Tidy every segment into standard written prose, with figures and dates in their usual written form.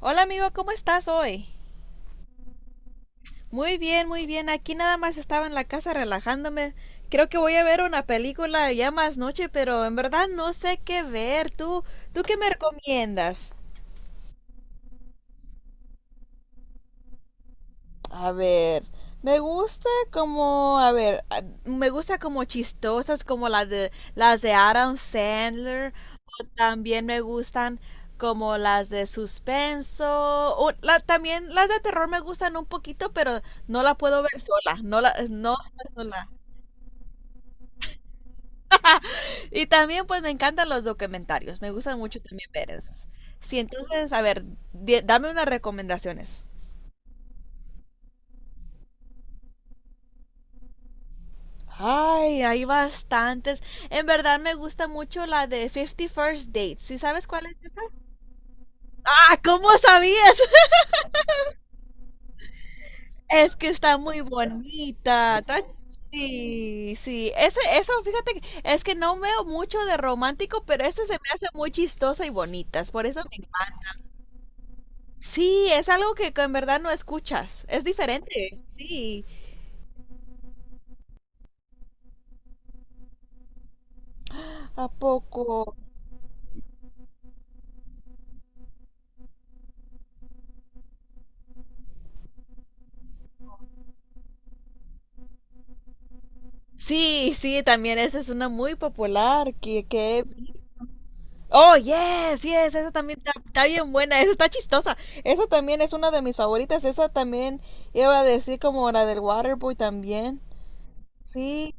Hola amigo, ¿cómo estás hoy? Muy bien, muy bien. Aquí nada más estaba en la casa relajándome. Creo que voy a ver una película ya más noche, pero en verdad no sé qué ver. ¿Tú qué me recomiendas? A ver, me gusta como, a ver, me gusta como chistosas como las de Adam Sandler. O también me gustan como las de suspenso. O la, también las de terror me gustan un poquito, pero no la puedo ver sola. No, sola. Y también pues me encantan los documentarios. Me gustan mucho también ver esos. Sí, entonces, a ver, dame unas recomendaciones. Ay, hay bastantes. En verdad me gusta mucho la de Fifty First Dates. ¿Sí sabes cuál es? Ah, ¿cómo sabías? Es que está muy bonita. Sí, sí. Eso, fíjate, es que no veo mucho de romántico, pero esa se me hace muy chistosa y bonita. Por eso me encanta. Sí, es algo que en verdad no escuchas. Es diferente. Sí. ¿A poco? Sí, sí, también esa es una muy popular que he. Oh, yes, yes, esa también está bien buena, esa está chistosa. Esa también es una de mis favoritas. Esa también iba a decir como la del Waterboy también. Sí,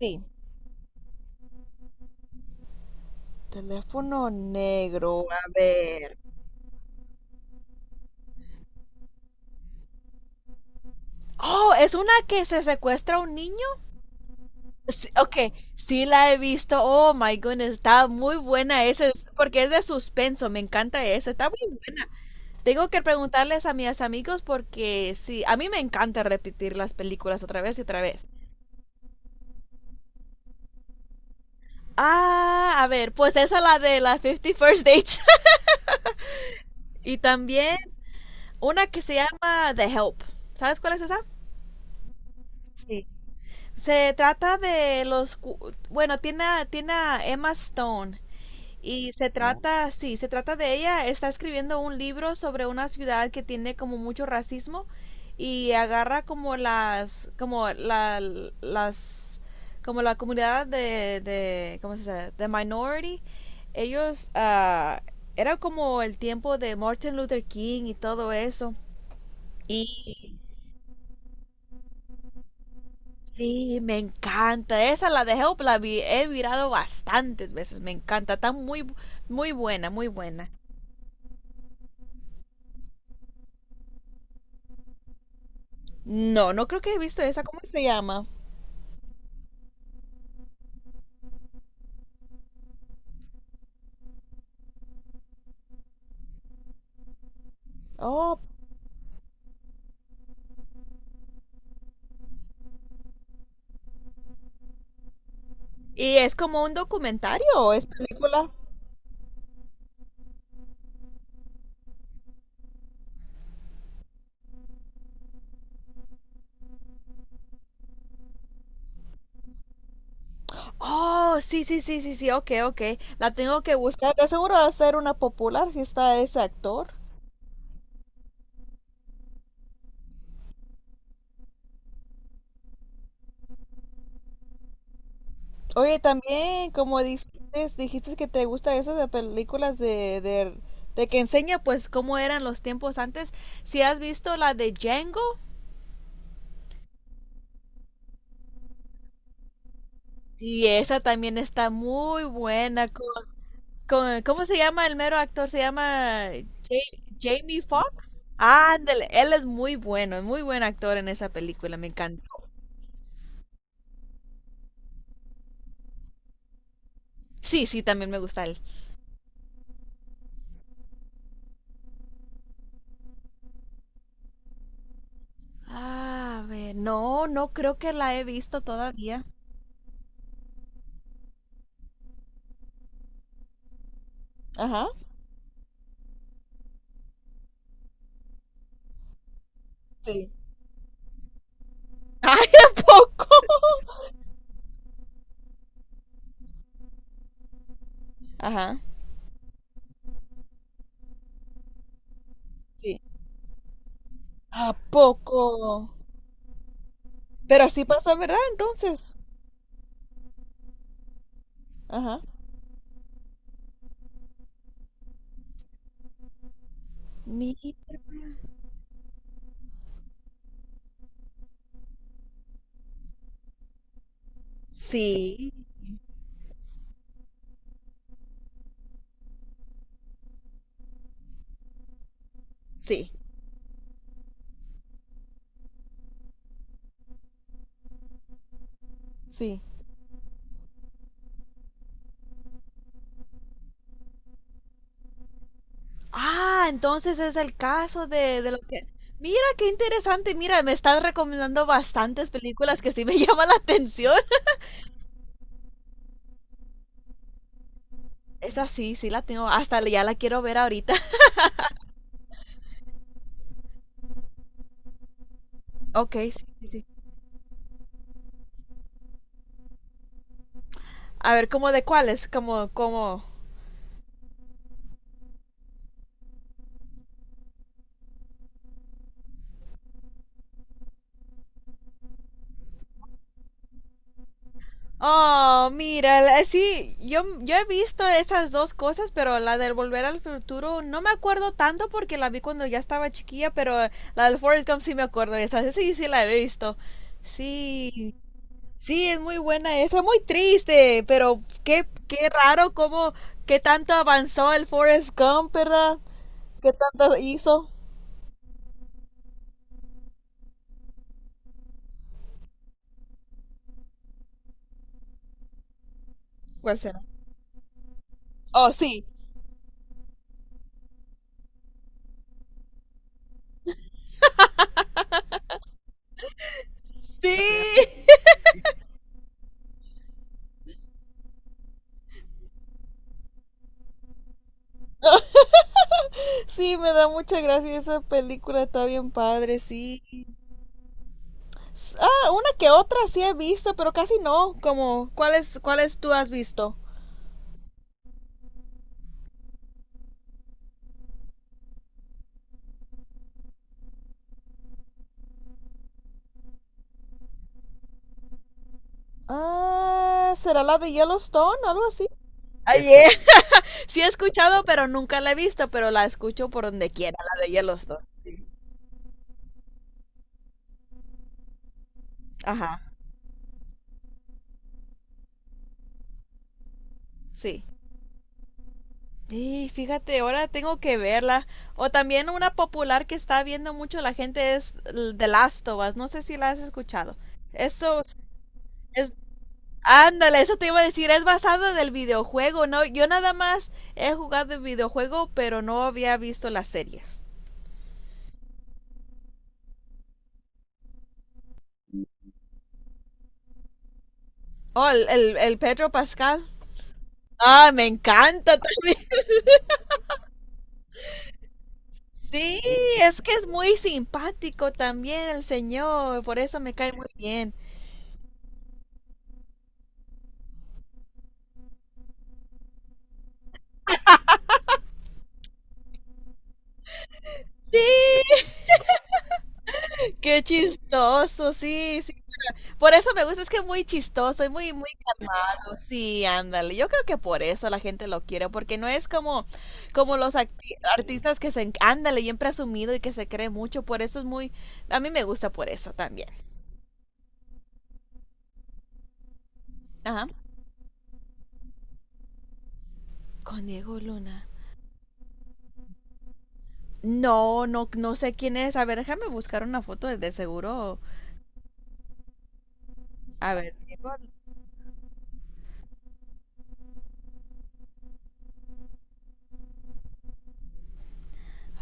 sí. Teléfono negro, a ver. Oh, es una que se secuestra a un niño. Sí, ok, sí la he visto. Oh my goodness, está muy buena esa, porque es de suspenso. Me encanta esa. Tengo que preguntarles a mis amigos porque sí, a mí me encanta repetir las películas otra vez y otra vez. Ah, a ver, pues esa es la de las Fifty First Dates. Y también una que se llama The Help. ¿Sabes cuál es esa? Sí. Se trata de los... cu- Bueno, tiene, tiene a Emma Stone. Y se trata, sí, se trata de ella, está escribiendo un libro sobre una ciudad que tiene como mucho racismo y agarra como las, como la comunidad de ¿cómo se dice? De minority. Ellos, era como el tiempo de Martin Luther King y todo eso. Y sí, me encanta. Esa la de Help la he mirado bastantes veces. Me encanta. Está muy, muy buena, muy buena. No, no creo que he visto esa. ¿Cómo se llama? Oh, ¿y es como un documentario o es película? Oh, sí, sí, sí, sí, sí, ok, ok. La tengo que buscar. De seguro va a ser una popular si está ese actor. Oye, también, como dijiste que te gusta esas de películas de que enseña pues cómo eran los tiempos antes. Si has visto la de Django, y esa también está muy buena. ¿Cómo se llama el mero actor? Se llama Jamie Foxx. Ah, ándale, él es muy bueno, es muy buen actor en esa película, me encantó. Sí, sí, también me gusta él. Ah, a ver, no, no creo que la he visto todavía. Ajá, sí. Ay, ¿a poco? Ajá, sí. ¿A poco? Pero sí pasó, ¿verdad? Entonces. Ajá. Mi... Sí, sí, sí. Ah, entonces es el caso de lo que. Mira, qué interesante. Mira, me estás recomendando bastantes películas que sí me llaman la atención. Esa sí, sí la tengo. Hasta ya la quiero ver ahorita. Ok, sí, sí, sí. A ver, ¿cómo de cuáles? Oh, mira, sí, yo he visto esas dos cosas, pero la del Volver al Futuro no me acuerdo tanto porque la vi cuando ya estaba chiquilla, pero la del Forrest Gump sí me acuerdo, esa sí, sí la he visto. Sí, sí, es muy buena esa, muy triste, pero qué raro cómo, qué tanto avanzó el Forrest Gump, ¿verdad? ¿Qué tanto hizo? ¿Cuál será? Oh, sí. Sí, sí, me da mucha gracia esa película, está bien padre, sí. Una que otra sí he visto, pero casi no, como, ¿cuáles tú has visto? Ah, ¿será la de Yellowstone, algo así? Ay. Sí he escuchado, pero nunca la he visto, pero la escucho por donde quiera, la de Yellowstone. Sí. Ajá. Sí. Y fíjate, ahora tengo que verla. O también una popular que está viendo mucho la gente es The Last of Us. No sé si la has escuchado. Eso es... Ándale, eso te iba a decir. Es basado del videojuego, ¿no? Yo nada más he jugado el videojuego, pero no había visto las series. Oh, el Pedro Pascal. Ah, me encanta también. Sí, es que es muy simpático también el señor. Por eso me cae muy bien. Sí, qué chistoso. Sí, sí. Por eso me gusta, es que es muy chistoso Sí, ándale. Yo creo que por eso la gente lo quiere, porque no es como, como los artistas ándale, bien presumido y que se cree mucho. Por eso A mí me gusta por eso también. Ajá. Con Diego Luna. No, no, no sé quién es. A ver, déjame buscar una foto de seguro. A ver.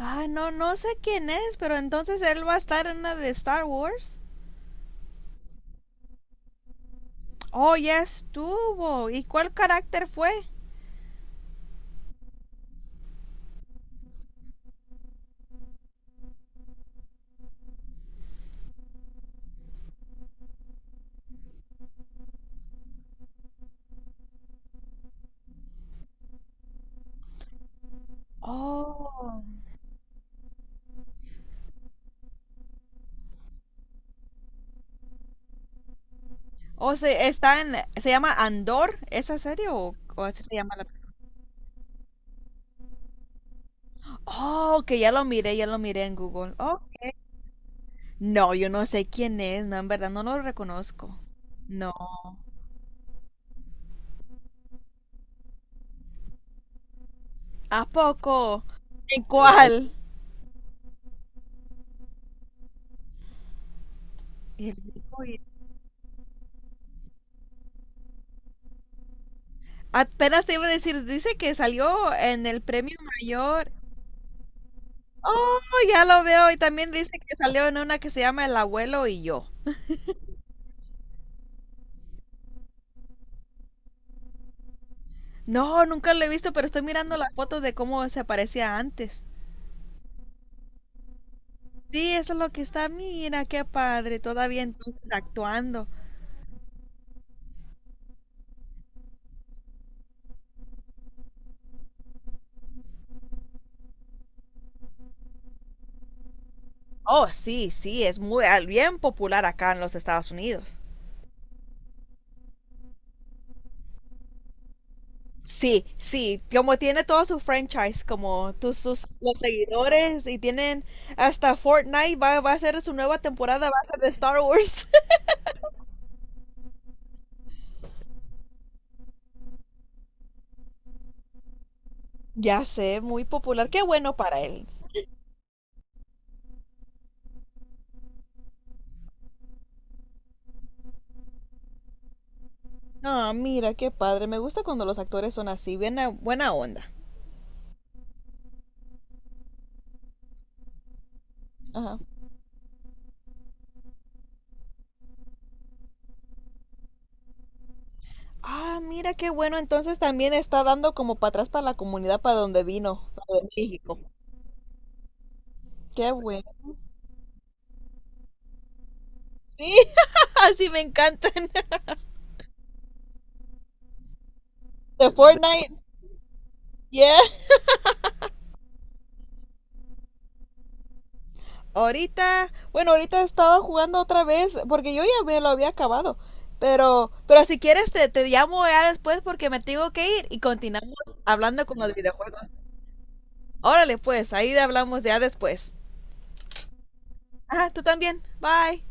Ah, no, no sé quién es, pero entonces él va a estar en una de Star Wars. Oh, ya estuvo. ¿Y cuál carácter fue? Oh. O se está en, se llama Andor esa serie o así se llama la. Oh, que ya lo miré en Google. Oh, no, yo no sé quién es, no, en verdad no lo reconozco. No. ¿A poco? ¿En cuál? El Apenas te iba a decir, dice que salió en el premio mayor. Oh, ya lo veo. Y también dice que salió en una que se llama El abuelo y yo. No, nunca lo he visto, pero estoy mirando las fotos de cómo se parecía antes. Sí, eso es lo que está. Mira, qué padre, todavía entonces actuando. Oh, sí, sí, es muy bien popular acá en los Estados Unidos. Sí, sí, como tiene todo su franchise, como tus sus los seguidores y tienen hasta Fortnite va a ser su nueva temporada, va a ser de Star Wars. Ya sé, muy popular. Qué bueno para él. Ah, mira, qué padre. Me gusta cuando los actores son así, bien buena onda. Ajá. Ah, mira qué bueno. Entonces también está dando como para atrás para la comunidad para donde vino, para México. Qué bueno. Sí, así me encantan. De Fortnite. Yeah. Ahorita, bueno, ahorita estaba jugando otra vez porque yo ya me lo había acabado. Pero si quieres te llamo ya después porque me tengo que ir y continuamos hablando con los videojuegos. Órale, pues, ahí hablamos ya después. Ajá, tú también. Bye.